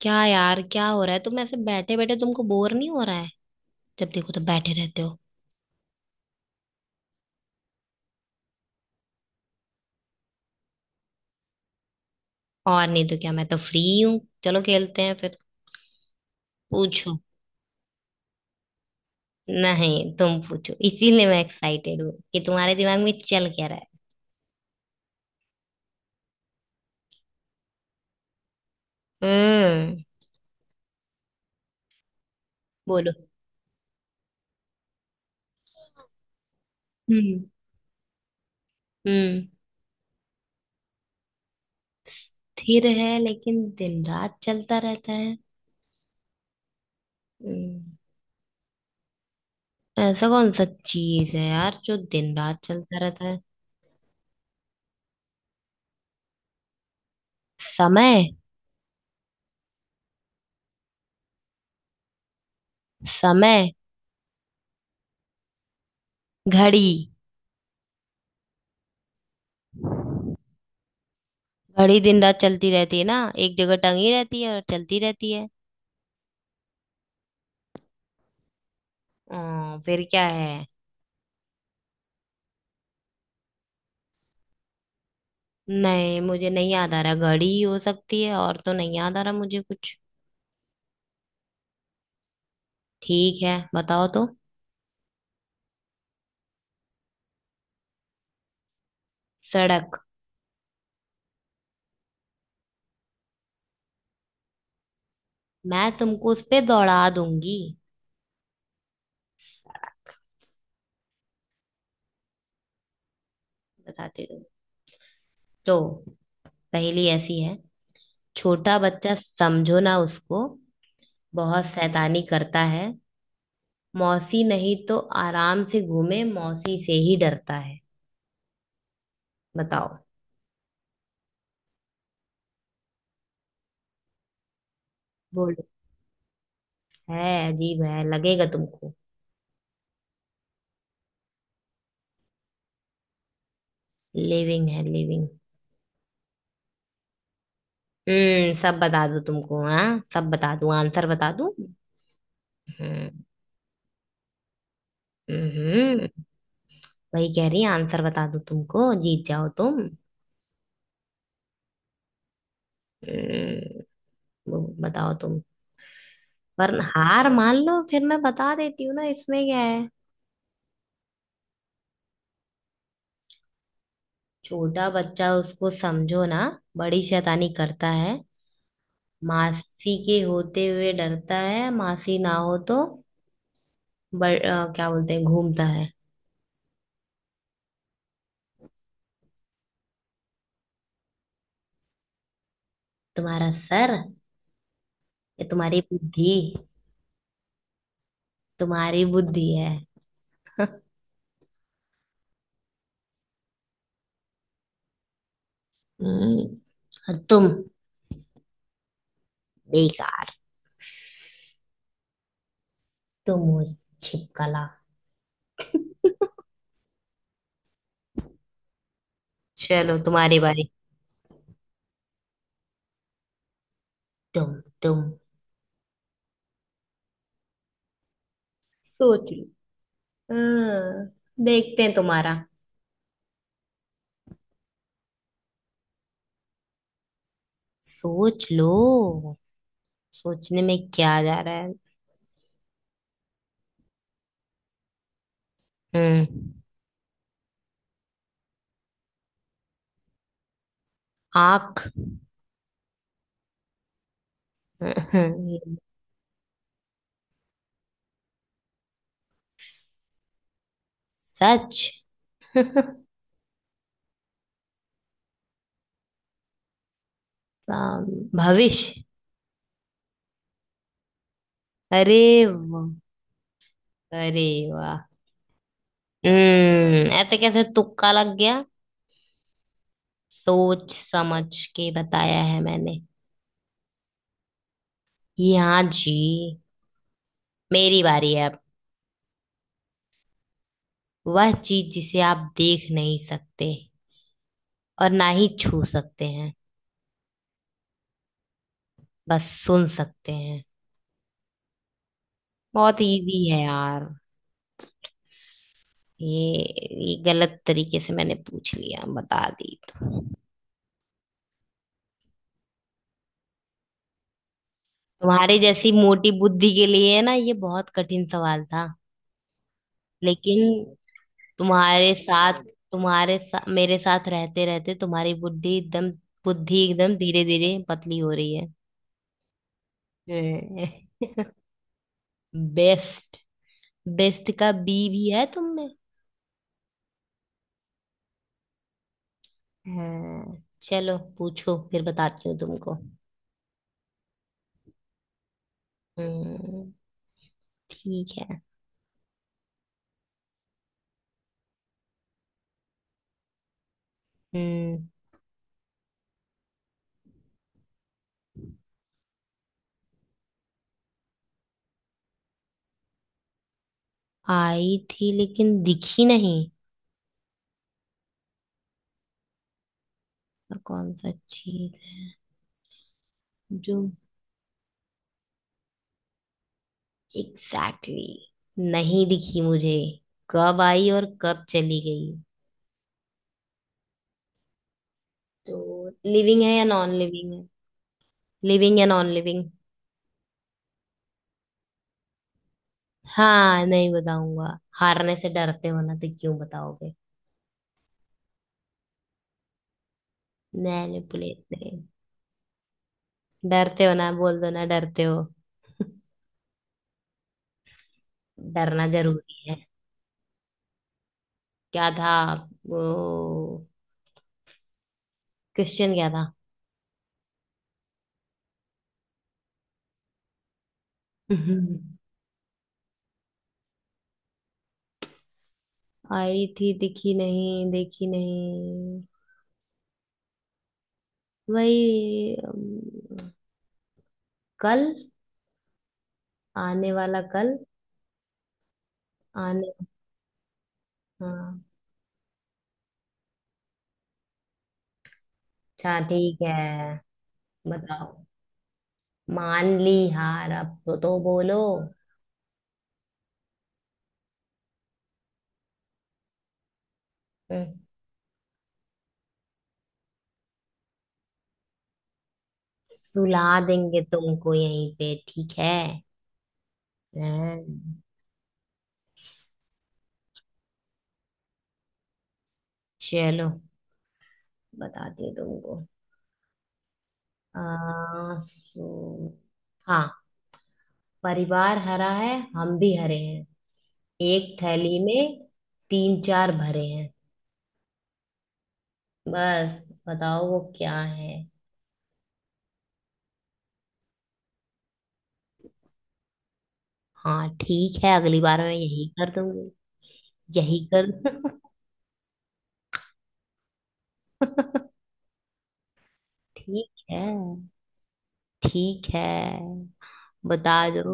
क्या यार, क्या हो रहा है? तुम ऐसे बैठे बैठे तुमको बोर नहीं हो रहा है? जब देखो तो बैठे रहते हो। और नहीं तो क्या, मैं तो फ्री हूँ। चलो खेलते हैं फिर। पूछो। नहीं, तुम पूछो। इसीलिए मैं एक्साइटेड हूँ कि तुम्हारे दिमाग में चल क्या रहा है। हम्म। बोलो। हम्म। हम्म। स्थिर है लेकिन दिन रात चलता रहता है। हम्म, ऐसा कौन सा चीज है यार जो दिन रात चलता रहता है? समय। समय। घड़ी। घड़ी दिन रात चलती रहती है ना, एक जगह टंगी रहती है और चलती रहती है। फिर क्या है? नहीं, मुझे नहीं याद आ रहा। घड़ी ही हो सकती है, और तो नहीं याद आ रहा मुझे कुछ। ठीक है, बताओ तो। सड़क? मैं तुमको उस पे दौड़ा दूंगी। सड़क। बताती हूँ। तो पहेली ऐसी है। छोटा बच्चा समझो ना उसको, बहुत शैतानी करता है। मौसी नहीं तो आराम से घूमे, मौसी से ही डरता है। बताओ। बोलो। है, अजीब है लगेगा तुमको। लिविंग है, लिविंग। सब बता दूं तुमको? हाँ, सब बता दूं, आंसर बता दूं। हम्म। हम्म, वही कह रही, आंसर बता दूं तुमको, जीत जाओ तुम। हम्म, वो बताओ तुम। पर हार मान लो, फिर मैं बता देती हूँ ना इसमें क्या है। छोटा बच्चा उसको समझो ना, बड़ी शैतानी करता है। मासी के होते हुए डरता है, मासी ना हो तो क्या बोलते हैं, घूमता है। तुम्हारा सर। ये तुम्हारी बुद्धि। तुम्हारी बुद्धि है। हम्म, और तुम? बेकार। तुम हो छिपकला। चलो तुम्हारी बारी। तुम। तुम। सोच लो। हाँ, देखते हैं तुम्हारा। सोच लो। सोचने में क्या जा रहा है? हम्म। आंख। हम्म। सच। भविष्य। अरे! वाह! अरे! वाह! ऐसे कैसे तुक्का लग गया? सोच समझ के बताया है मैंने। जी, हाँ जी। मेरी बारी है अब। वह चीज जिसे आप देख नहीं सकते और ना ही छू सकते हैं, बस सुन सकते हैं। बहुत इजी है यार। ये ये गलत तरीके से मैंने पूछ लिया, बता दी तो। तुम्हारे जैसी मोटी बुद्धि के लिए ना ये बहुत कठिन सवाल था। लेकिन तुम्हारे साथ, मेरे साथ रहते रहते तुम्हारी बुद्धि एकदम, धीरे धीरे पतली हो रही है। बेस्ट! बेस्ट का बी भी है तुम में? हाँ। चलो, पूछो फिर बताती हूँ तुमको। हम्म। ठीक है। हम्म। आई थी लेकिन दिखी नहीं? तो कौन सा चीज है जो एग्जैक्टली exactly नहीं दिखी मुझे? कब आई और कब चली गई? तो लिविंग है या नॉन लिविंग है? लिविंग या नॉन लिविंग? हाँ, नहीं बताऊंगा! हारने से डरते हो ना, तो क्यों बताओगे? मैनिपुलेट नहीं। डरते हो ना? बोल दो ना, डरते हो। डरना जरूरी है। क्या था वो? क्वेश्चन क्या था? आई थी, दिखी नहीं, देखी नहीं? वही कल, आने वाला कल। आने... हाँ, अच्छा, ठीक है, बताओ। मान ली हार अब, तो बोलो। हम्म, सुला देंगे तुमको यहीं पे, ठीक है? हाँ, चलो, बताती हूँ तुमको। आ, सो, हाँ। परिवार हरा है, हम भी हरे हैं, एक थैली में तीन चार भरे हैं। बस, बताओ वो क्या है। हाँ ठीक है, अगली बार मैं यही कर दूंगी, यही कर... ठीक है। ठीक है, बता दो।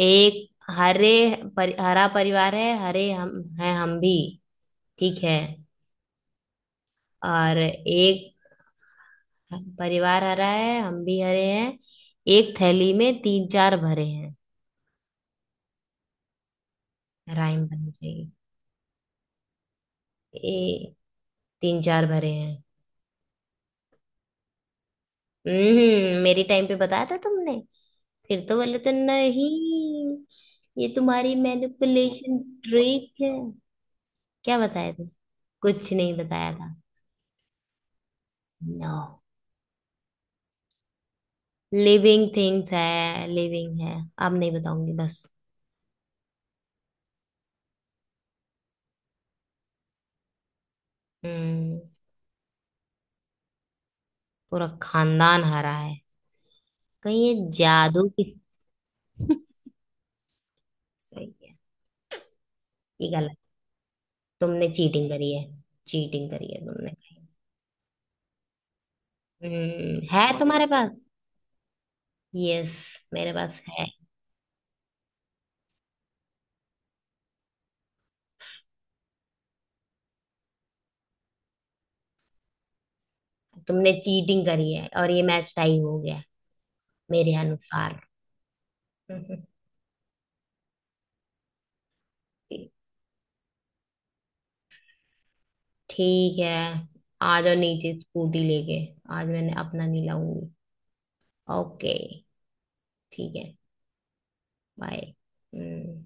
एक हरे, हरा परिवार है, हरे हम हैं, हम भी, ठीक है, और एक... हाँ, परिवार हरा है, हम भी हरे हैं, एक थैली में तीन चार भरे हैं। राइम बननी चाहिए। ए, तीन चार भरे हैं। मेरी टाइम पे बताया था तुमने? फिर तो बोले तो नहीं। ये तुम्हारी मैनिपुलेशन ट्रिक है। क्या बताया था? कुछ नहीं बताया था। नो। लिविंग थिंग्स है, लिविंग है। अब नहीं बताऊंगी बस। हम्म पूरा खानदान हरा है, कहीं ये जादू की... सही है? ये गलत। तुमने चीटिंग करी है। चीटिंग करी है तुमने। है? बताओ तुम्हारे पास। यस, मेरे पास है। तुमने चीटिंग करी है और ये मैच टाई हो गया है, मेरे अनुसार। हम्म, ठीक। ठीक है। आ जाओ नीचे स्कूटी लेके। आज मैंने अपना नहीं लाऊंगी। ओके। ठीक है। बाय। हम्म।